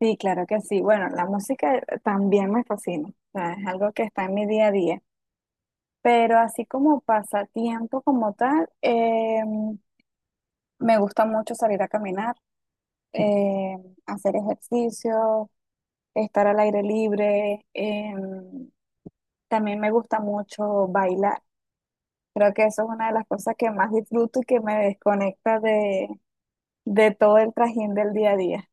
Sí, claro que sí. Bueno, la música también me fascina, o sea, es algo que está en mi día a día, pero así como pasatiempo como tal, me gusta mucho salir a caminar, eh, hacer ejercicio, estar al aire libre, también me gusta mucho bailar. Creo que eso es una de las cosas que más disfruto y que me desconecta de todo el trajín del día a día.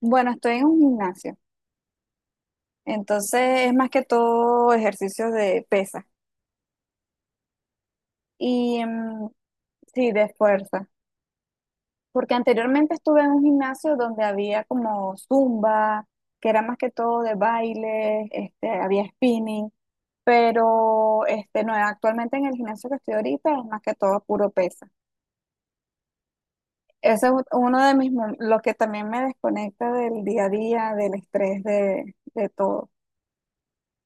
Bueno, estoy en un gimnasio, entonces es más que todo ejercicios de pesas. Y mm, sí, de fuerza. Porque anteriormente estuve en un gimnasio donde había como zumba, que era más que todo de baile, este, había spinning, pero este, no, actualmente en el gimnasio que estoy ahorita es más que todo puro pesa. Ese es uno de mis, lo que también me desconecta del día a día, del estrés, de todo.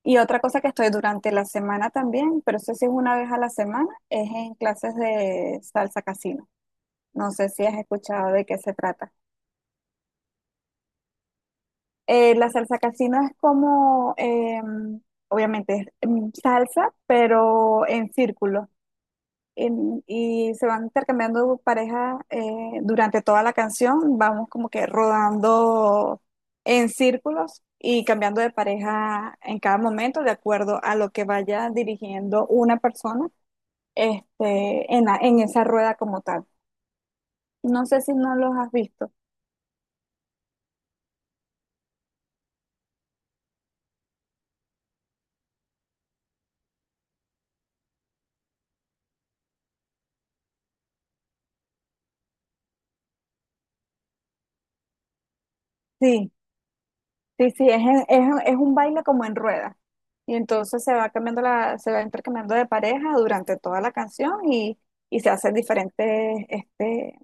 Y otra cosa que estoy durante la semana también, pero eso sí es una vez a la semana, es en clases de salsa casino. No sé si has escuchado de qué se trata. La salsa casino es como, obviamente, es salsa, pero en círculo. Y se van intercambiando parejas durante toda la canción. Vamos como que rodando en círculos y cambiando de pareja en cada momento de acuerdo a lo que vaya dirigiendo una persona este, en esa rueda como tal. No sé si no los has visto. Sí. Sí, sí, es un baile como en rueda. Y entonces se va cambiando se va intercambiando de pareja durante toda la canción y se hacen diferentes este,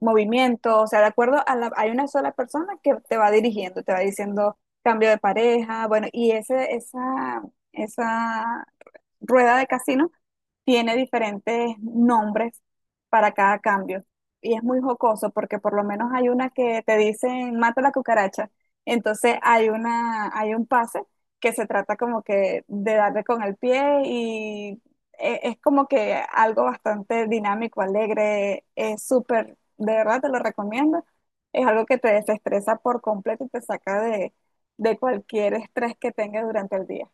movimientos. O sea, de acuerdo a hay una sola persona que te va dirigiendo, te va diciendo cambio de pareja, bueno, esa rueda de casino tiene diferentes nombres para cada cambio. Y es muy jocoso porque por lo menos hay una que te dicen mata la cucaracha. Entonces hay un pase que se trata como que de darle con el pie y es como que algo bastante dinámico, alegre, es súper, de verdad te lo recomiendo. Es algo que te desestresa por completo y te saca de cualquier estrés que tengas durante el día.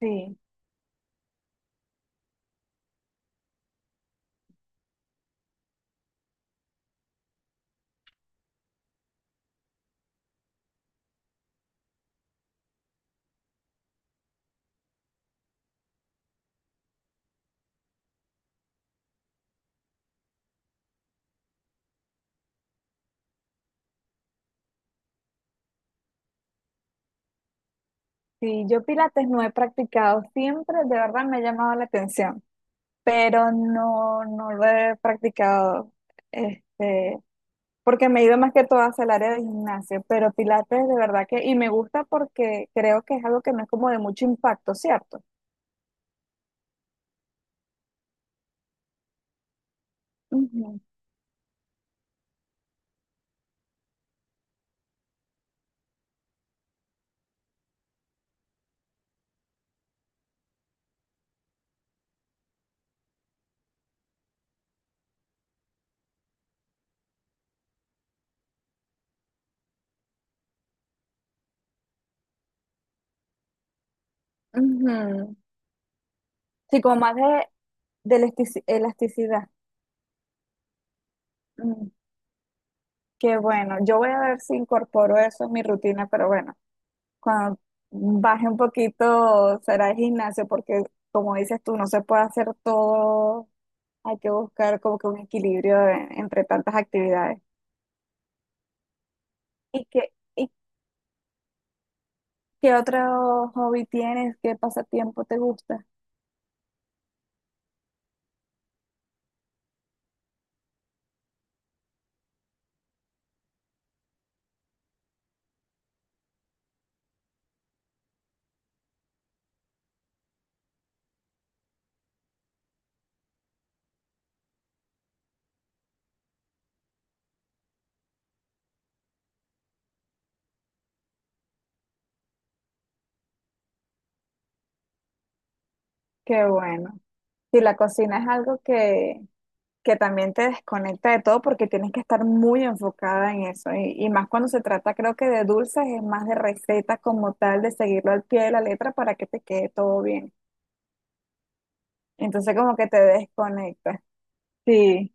Sí. Sí, yo pilates no he practicado siempre, de verdad me ha llamado la atención, pero no, no lo he practicado, este, porque me he ido más que todo hacia el área de gimnasio, pero pilates de verdad que, y me gusta porque creo que es algo que no es como de mucho impacto, ¿cierto? Ujú, ujú. Sí, como más de elasticidad. Mm, Qué bueno, yo voy a ver si incorporo eso en mi rutina, pero bueno. Cuando baje un poquito será el gimnasio, porque como dices tú, no se puede hacer todo. Hay que buscar como que un equilibrio entre tantas actividades. Y qué otro hobby tienes? ¿Qué pasatiempo te gusta? Qué bueno. Si la cocina es algo que también te desconecta de todo porque tienes que estar muy enfocada en eso. Y más cuando se trata, creo que de dulces, es más de recetas como tal, de seguirlo al pie de la letra para que te quede todo bien. Entonces como que te desconectas. Sí.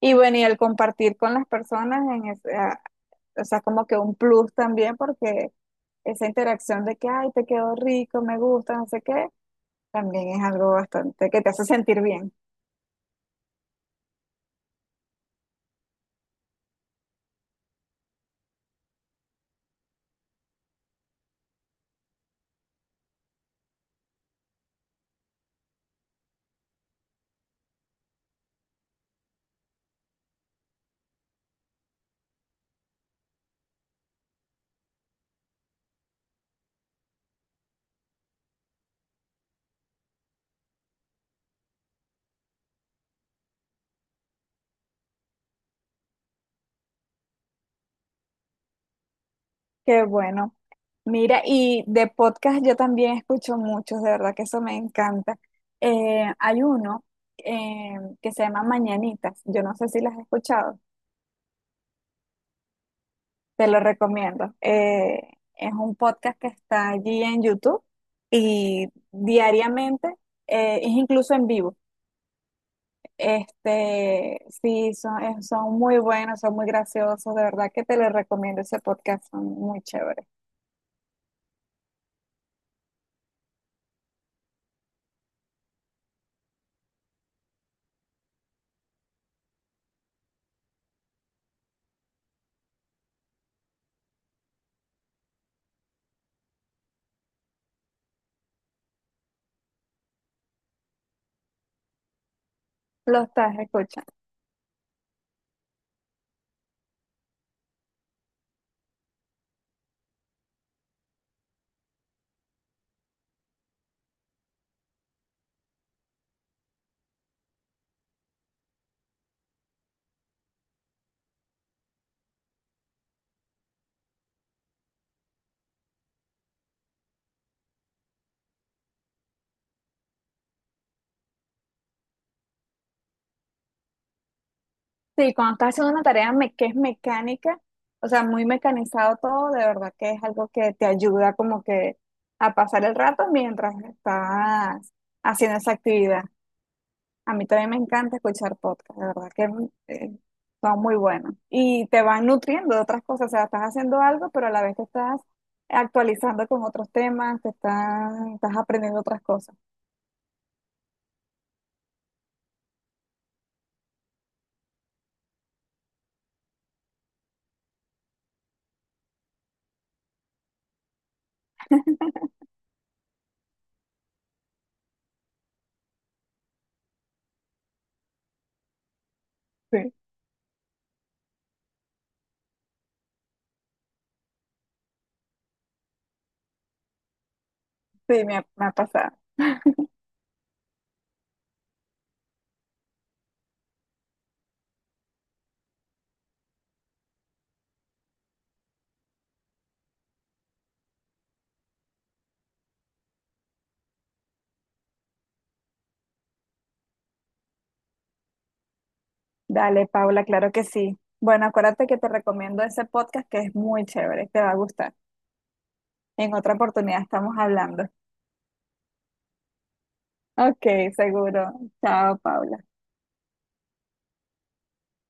Y bueno, y el compartir con las personas en o sea, como que un plus también porque esa interacción de que, ay, te quedó rico, me gusta, no sé qué, también es algo bastante que te hace sentir bien. Qué bueno. Mira, y de podcast yo también escucho muchos, de verdad que eso me encanta. Hay uno eh, que se llama Mañanitas, yo no sé si las has escuchado. Te lo recomiendo. Es un podcast que está allí en YouTube y diariamente es incluso en vivo. Este, sí, son muy buenos, son muy graciosos. De verdad que te lo recomiendo ese podcast, son muy chéveres. Lo estás escuchando. Sí, cuando estás haciendo una tarea que es mecánica, o sea, muy mecanizado todo, de verdad que es algo que te ayuda como que a pasar el rato mientras estás haciendo esa actividad. A mí también me encanta escuchar podcast, de verdad que eh, son muy buenos. Y te van nutriendo de otras cosas, o sea, estás haciendo algo, pero a la vez te estás actualizando con otros temas, estás aprendiendo otras cosas. Sí, sí, me ha pasado. Dale, Paula, claro que sí. Bueno, acuérdate que te recomiendo ese podcast que es muy chévere, te va a gustar. En otra oportunidad estamos hablando. Ok, seguro. Chao, Paula.